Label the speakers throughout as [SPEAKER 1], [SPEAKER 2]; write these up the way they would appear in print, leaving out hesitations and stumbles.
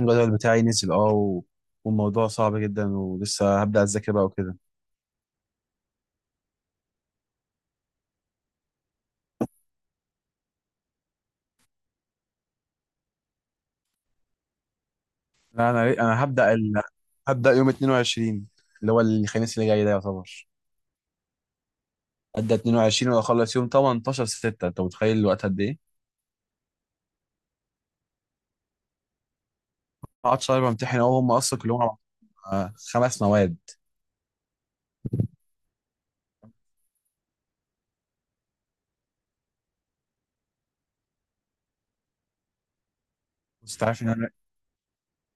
[SPEAKER 1] الجدول بتاعي نزل والموضوع صعب جدا، ولسه هبدأ أذاكر بقى وكده. لا، أنا هبدأ يوم 22، اللي هو الخميس اللي جاي، ده يعتبر. أبدأ 22 وأخلص يوم 18 6، أنت متخيل الوقت قد إيه؟ قعدت شهر بمتحن أهو، هم أصلا كلهم خمس مواد. بس أنت عارف إن أنا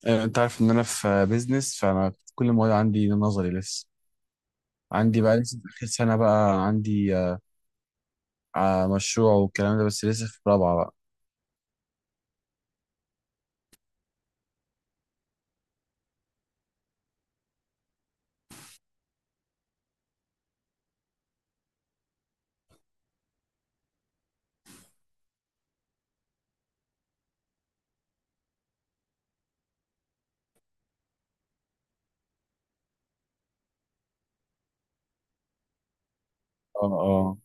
[SPEAKER 1] آه، أنت عارف إن أنا في بيزنس، فأنا كل المواد عندي نظري لسه. عندي بقى لسه في آخر سنة، بقى عندي مشروع والكلام ده، بس لسه في رابعة بقى. اه،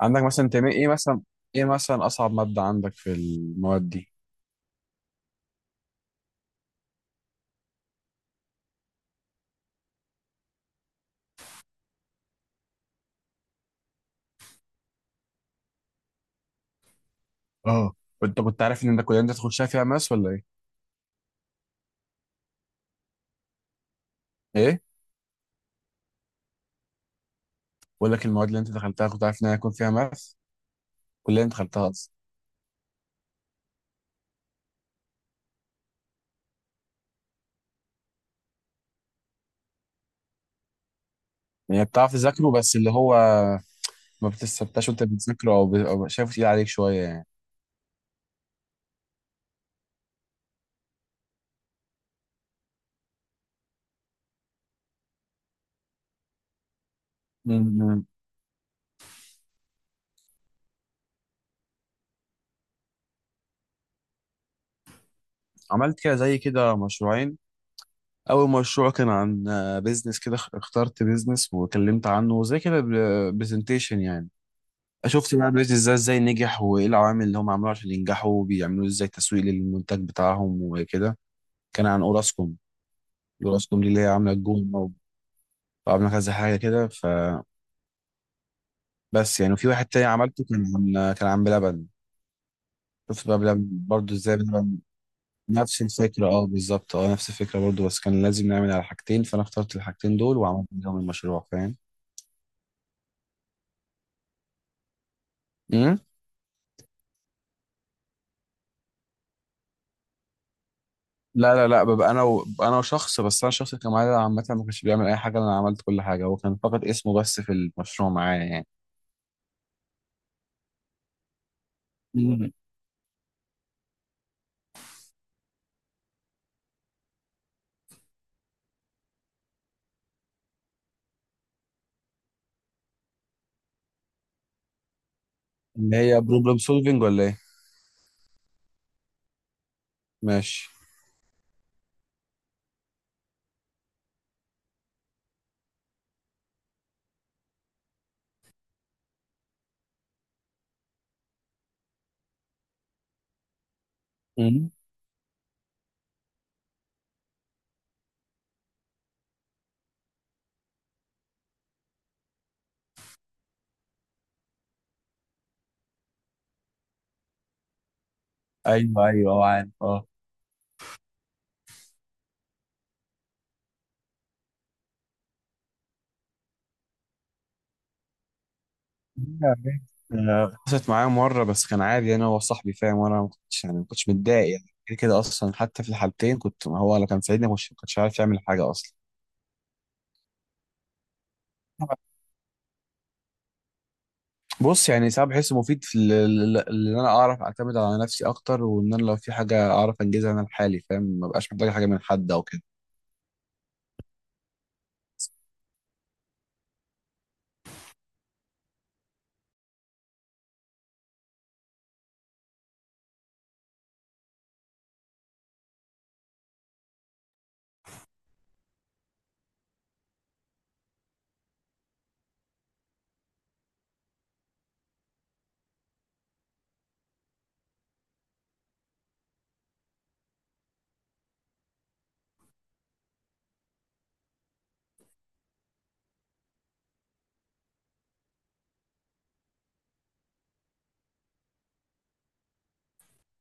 [SPEAKER 1] عندك مثلا تمام ايه مثلا ايه مثلا اصعب ماده عندك في المواد دي؟ اه، انت كنت عارف ان انت الكليه اللي انت تخشها فيها ماس ولا ايه؟ ايه؟ بقول لك المواد اللي انت دخلتها كنت عارف ان هي هيكون فيها ماس؟ الكليه اللي انت دخلتها اصلا. يعني بتعرف تذاكره بس اللي هو ما بتستمتعش وانت بتذاكره أو شايفه تقيل عليك شويه يعني. مم. عملت كده زي كده مشروعين. اول مشروع كان عن بيزنس كده، اخترت بيزنس وكلمت عنه زي كده برزنتيشن يعني. شفت بقى بيز ازاي نجح، وايه العوامل اللي هم عملوها عشان ينجحوا، وبيعملوا ازاي تسويق للمنتج بتاعهم وكده. كان عن اوراسكوم. اوراسكوم دي اللي هي عامله الجون، وعامله كذا حاجه كده فبس يعني. وفي واحد تاني عملته، كان عن بلبن. شفت بقى بلبن برضه ازاي بلبن. نفس الفكره، اه بالظبط، اه نفس الفكره برضه، بس كان لازم نعمل على حاجتين، فانا اخترت الحاجتين دول وعملت بيهم المشروع. فاهم. لا لا لا، ببقى انا انا وشخص بس، انا الشخص اللي كان معايا ده عامه ما كانش بيعمل اي حاجه، انا عملت كل حاجه، هو كان فقط اسمه بس في المشروع معايا يعني. مم. اللي هي بروبلم سولفنج ولا ايه؟ ماشي. مم. ايوه ايوه، اه عارف، اه. لا، جامد. آه، حصلت معايا مره بس كان عادي يعني، هو صاحبي فاهم، وانا ما كنتش يعني ما كنتش متضايق يعني، كده كده اصلا. حتى في الحالتين كنت، ما هو لو كان ساعدني ما كنتش عارف يعمل حاجه اصلا. بص، يعني ساعات بحس مفيد في ان انا اعرف اعتمد على نفسي اكتر، وان انا لو في حاجه اعرف انجزها انا لحالي فاهم، ما بقاش محتاج حاجه من حد او كده.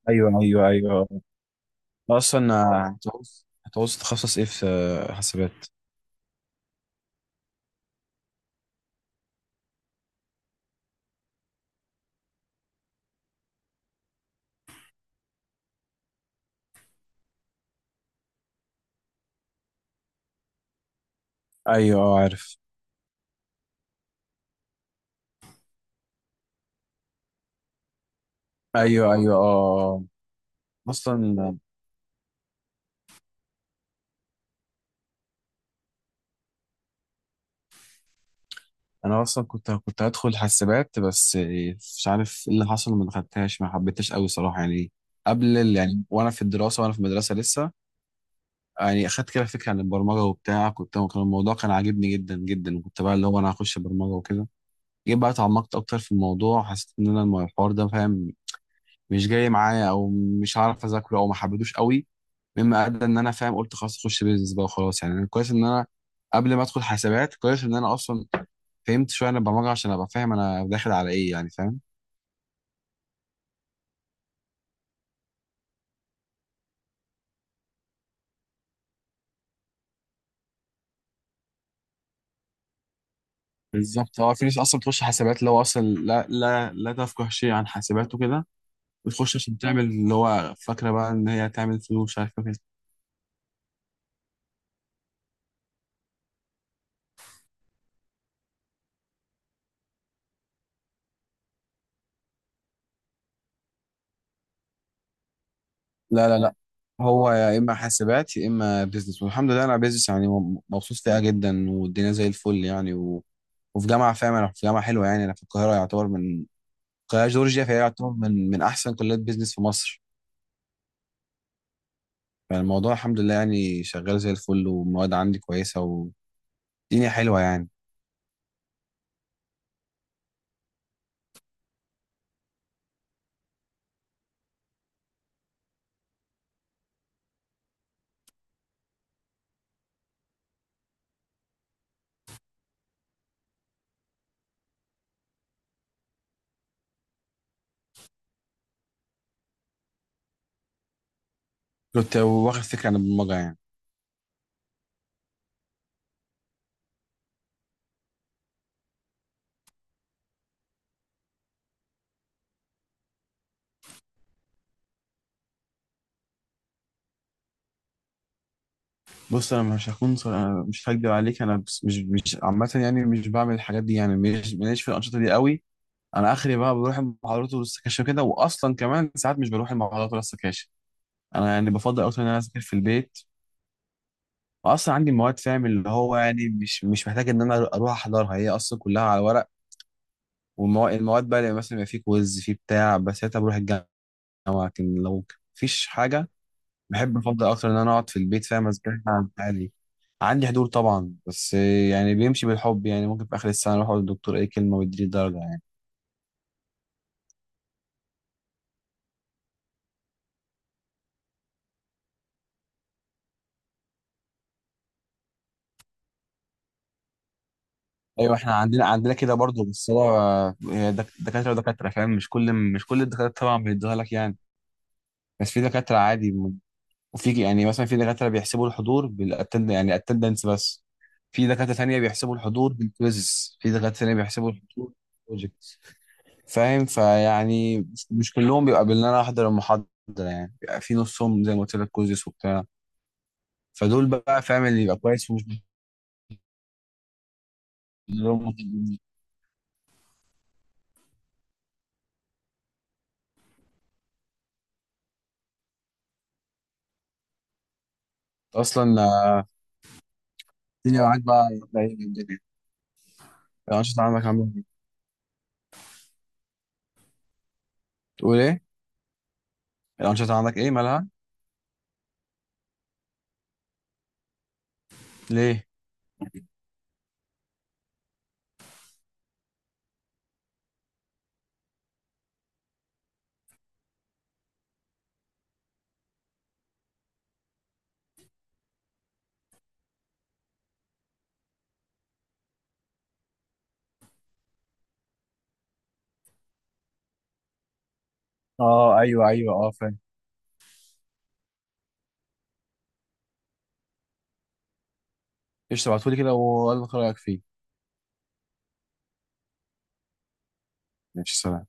[SPEAKER 1] ايوه ايوه ايوه. اصلا هتعوز تخصص ايه في حسابات؟ ايوه اه عارف، ايوه ايوه اه. اصلا انا اصلا كنت هدخل حسابات، بس مش عارف ايه اللي حصل، ما دخلتهاش ما حبيتهاش قوي صراحه يعني. يعني وانا في المدرسه لسه يعني، اخدت كده فكره عن البرمجه وبتاع، كان الموضوع كان عاجبني جدا جدا، كنت بقى اللي هو انا هخش برمجه وكده. جيت بقى اتعمقت اكتر في الموضوع، حسيت ان انا الحوار ده فاهم مش جاي معايا، او مش هعرف اذاكره، او ما حبيتوش قوي، مما ادى ان انا فاهم قلت خلاص اخش بيزنس بقى وخلاص يعني. أنا كويس ان انا قبل ما ادخل حسابات، كويس ان انا اصلا فهمت شويه عن البرمجه عشان ابقى فاهم انا داخل على ايه يعني فاهم. بالظبط، هو في ناس اصلا بتخش حسابات اللي هو اصلا لا لا لا تفقه شيء عن حسابات وكده. بتخش عشان تعمل اللي هو فاكرة بقى إن هي تعمل فلوس، مش عارف كده. لا لا لا، هو يا اما حاسبات يا اما بيزنس، والحمد لله انا بيزنس يعني، مبسوط فيها جدا والدنيا زي الفل يعني وفي جامعه فاهم، انا في جامعه حلوه يعني، انا في القاهره، يعتبر من القاهره جورجيا، فهي يعتبر من احسن كليات بيزنس في مصر. فالموضوع الحمد لله يعني شغال زي الفل، والمواد عندي كويسه، والدنيا حلوه يعني. كنت واخد فكره عن البرمجه يعني. بص، انا مش هكون صر... أنا مش هكدب عليك، انا بس مش عامه يعني، مش بعمل الحاجات دي يعني، مش ماليش في الانشطه دي قوي. انا اخري بقى بروح المحاضرات والسكاشن كده، واصلا كمان ساعات مش بروح المحاضرات ولا السكاشن. انا يعني بفضل اكتر ان انا اذاكر في البيت. واصلا عندي مواد فاهم اللي هو يعني مش محتاج ان انا اروح احضرها، هي اصلا كلها على ورق. والمواد المواد بقى اللي مثلا يبقى في كويز في بتاع، بس ساعتها بروح الجامعه. لكن لو مفيش حاجه، بحب الفضاء اكتر ان انا اقعد في البيت فاهم ازاي. عادي، عندي حضور طبعا، بس يعني بيمشي بالحب يعني، ممكن في اخر السنه اروح اقول للدكتور اي كلمه ويديني درجه يعني. ايوه، احنا عندنا كده برضه، بس هو هي دكاتره ودكاتره فاهم، مش كل الدكاتره طبعا بيدوها لك يعني. بس في دكاتره عادي وفي يعني مثلا في دكاتره بيحسبوا الحضور بالاتند يعني اتندنس بس، في دكاتره ثانيه بيحسبوا الحضور بالكويزز، في دكاتره ثانيه بيحسبوا الحضور بالبروجكت فاهم. فيعني مش كلهم بيبقى ان انا احضر المحاضره، يعني بيبقى في نصهم زي ما قلت لك كوزيس وبتاع. فدول بقى فاهم اللي يبقى كويس ومش بيحضرهم اصلا. الدنيا معاك، بقى إيه الدنيا؟ الانشطه عندك عامله ايه؟ تقول ايه؟ الانشطه عندك ايه مالها؟ ليه؟ اه، ايوه ايوه اه فاهم. ايش تبعتولي كده وقول لك رايك فيه. ماشي، سلام.